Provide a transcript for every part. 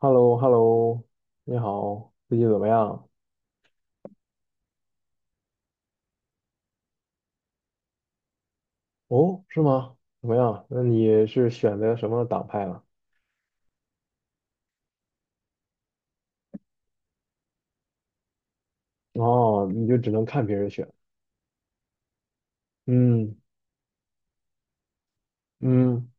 h e l l o h e l l o 你好，最近怎么样？哦，是吗？怎么样？那你是选择什么党派了？哦，你就只能看别人选。嗯嗯，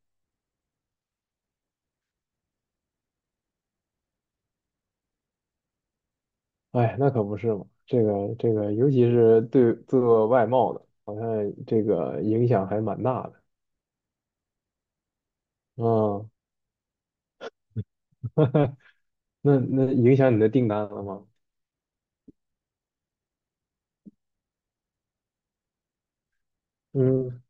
哎，那可不是嘛。这个，尤其是对做外贸的，好像这个影响还蛮大的。嗯，那影响你的订单了吗？嗯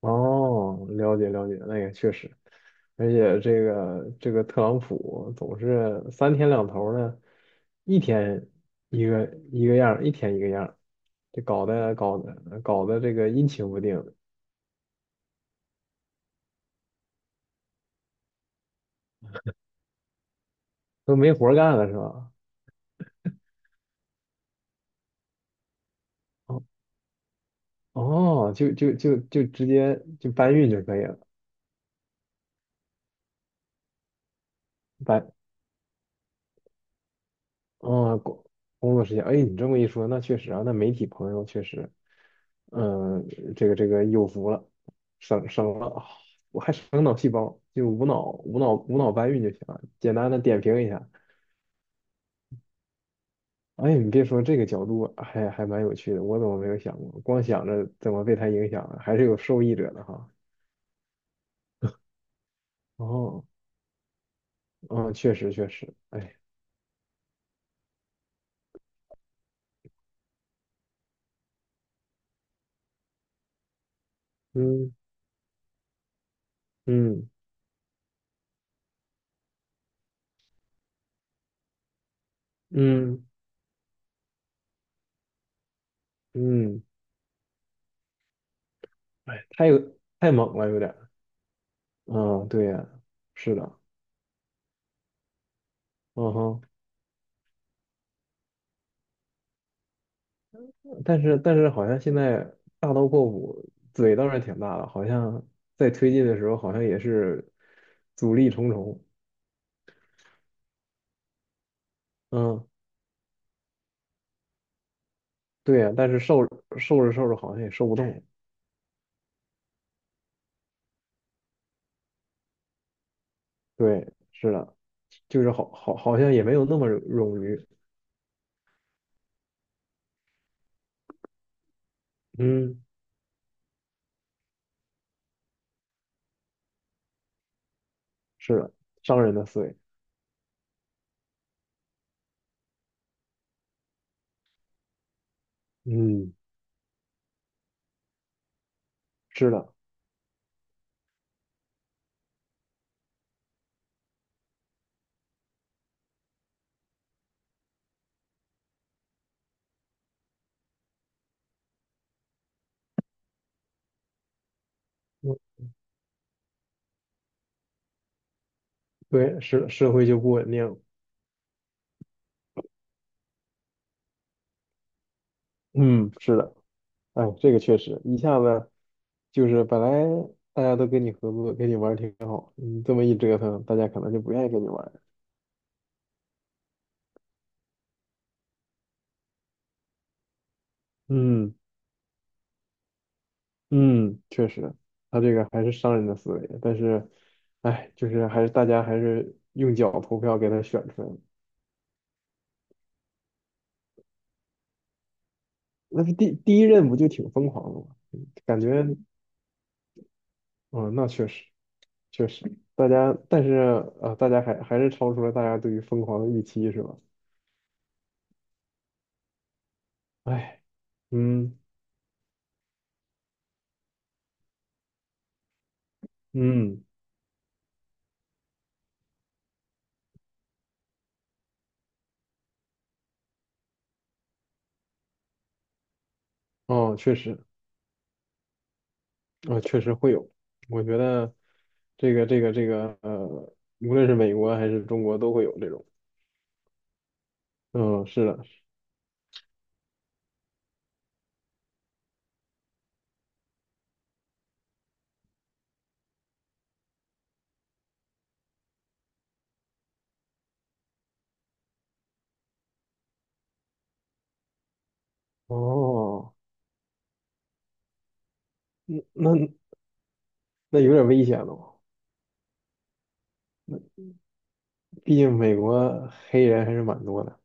哦，了解了解，那也确实，而且这个特朗普总是三天两头的，一天一个一天一个样儿，这搞得这个阴晴不定，都没活儿干了是吧？哦哦，就直接就搬运就可以了，搬哦，工作时间，哎，你这么一说，那确实啊，那媒体朋友确实。嗯，这个有福了，省了，啊，我还省脑细胞，就无脑搬运就行了，简单的点评一下。哎，你别说这个角度还蛮有趣的，我怎么没有想过？光想着怎么被他影响了，还是有受益者的哈。哦，嗯，确实确实，哎，嗯嗯嗯嗯，哎，太猛了，有点儿。嗯，对呀，是的，嗯哼。但是好像现在大刀阔斧，嘴倒是挺大的，好像在推进的时候好像也是阻力重重。嗯，对呀，但是受着受着好像也受不动。对，是的，就是好像也没有那么冗余。嗯，是的，商人的思维。嗯，是的，嗯对，社会就不稳定。嗯，是的。哎，这个确实一下子就是本来大家都跟你合作，跟你玩儿挺好，你这么一折腾，大家可能就不愿意跟你玩儿。嗯嗯，确实，他这个还是商人的思维，但是，哎，就是还是大家还是用脚投票给他选出来的。那是第一任不就挺疯狂的吗？感觉，嗯，那确实确实，大家还是超出了大家对于疯狂的预期，是吧？哎，嗯嗯，哦，确实。啊，确实会有。我觉得这个，无论是美国还是中国都会有这种。嗯，是的。哦，嗯那有点危险了。毕竟美国黑人还是蛮多的。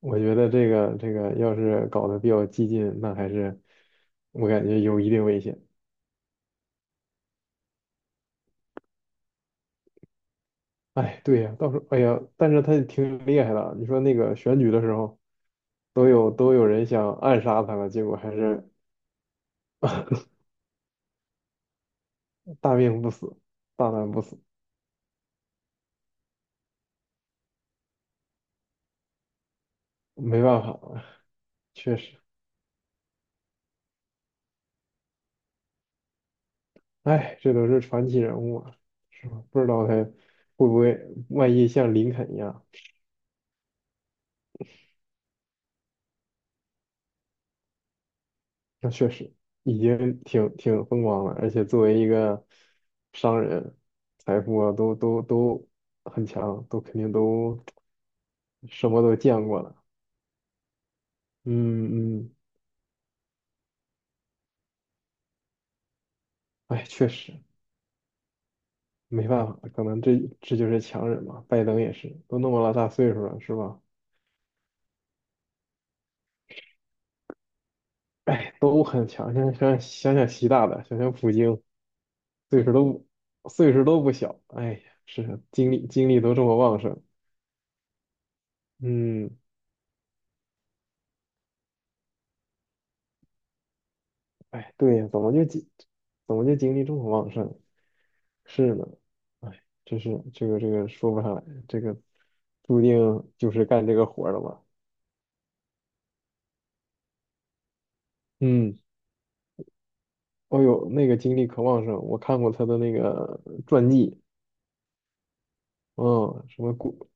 我觉得这个要是搞得比较激进，那还是我感觉有一定危险。哎，对呀，到时候哎呀，但是他也挺厉害的啊。你说那个选举的时候，都有人想暗杀他了，结果还是大命不死，大难不死。没办法了，确实，哎，这都是传奇人物啊，是吧？不知道他会不会，万一像林肯一样，那确实已经挺风光了，而且作为一个商人，财富啊都很强，都肯定都什么都见过了。嗯嗯，哎，确实没办法，可能这就是强人嘛。拜登也是，都那么老大岁数了，是吧？哎，都很强。想想习大大，想想普京，岁数都岁数都不小。哎呀，是精力都这么旺盛。嗯，哎，对呀，怎么就精力这么旺盛？是呢，哎，真是这个说不上来，这个注定就是干这个活儿的吧。嗯，哦呦，那个精力可旺盛，我看过他的那个传记，嗯，什么古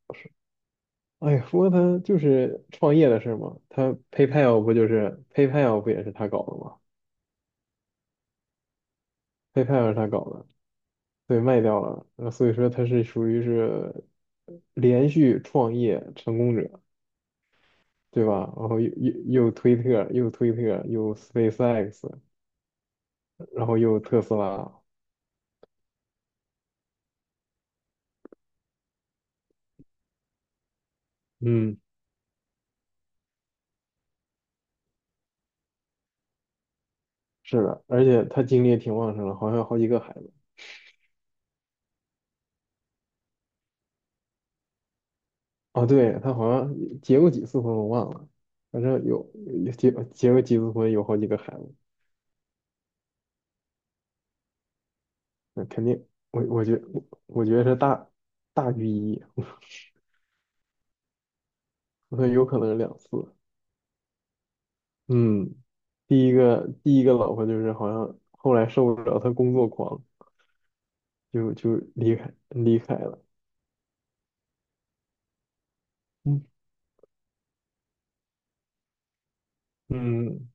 哎呀，不过他就是创业的事儿嘛，他 PayPal 不也是他搞的吗？PayPal 是他搞的，对，卖掉了，所以说他是属于是连续创业成功者，对吧？然后又推特又 SpaceX,然后又特斯拉，嗯，是的，而且他精力也挺旺盛的，好像有好几个孩子。哦，对，他好像结过几次婚，我忘了，反正有结过几次婚，有好几个孩子。那肯定，我觉得是大大于一，我有可能是两次。嗯，第一个老婆就是好像后来受不了，她工作狂，就离开了。嗯嗯，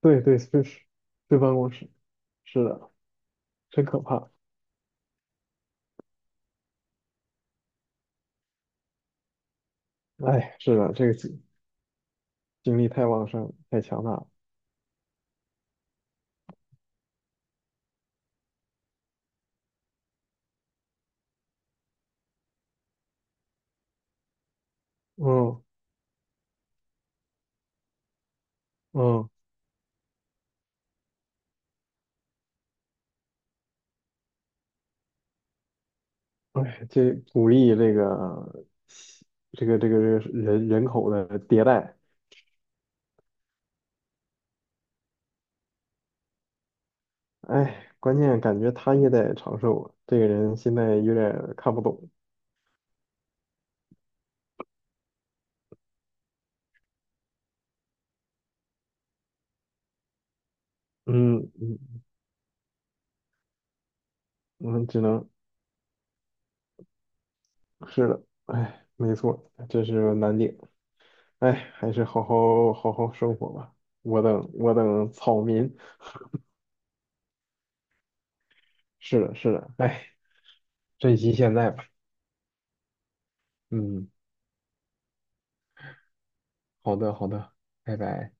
对对，是是是办公室，是的，真可怕。哎，是的，这个精力太旺盛，太强大了。嗯嗯，哎，这鼓励这个人口的迭代。哎，关键感觉他也得长寿啊，这个人现在有点儿看不懂。嗯嗯，我们只能是的，哎，没错，这是难点。哎，还是好好生活吧。我等草民。是的，是的，哎，珍惜现在吧。嗯，好的好的，拜拜。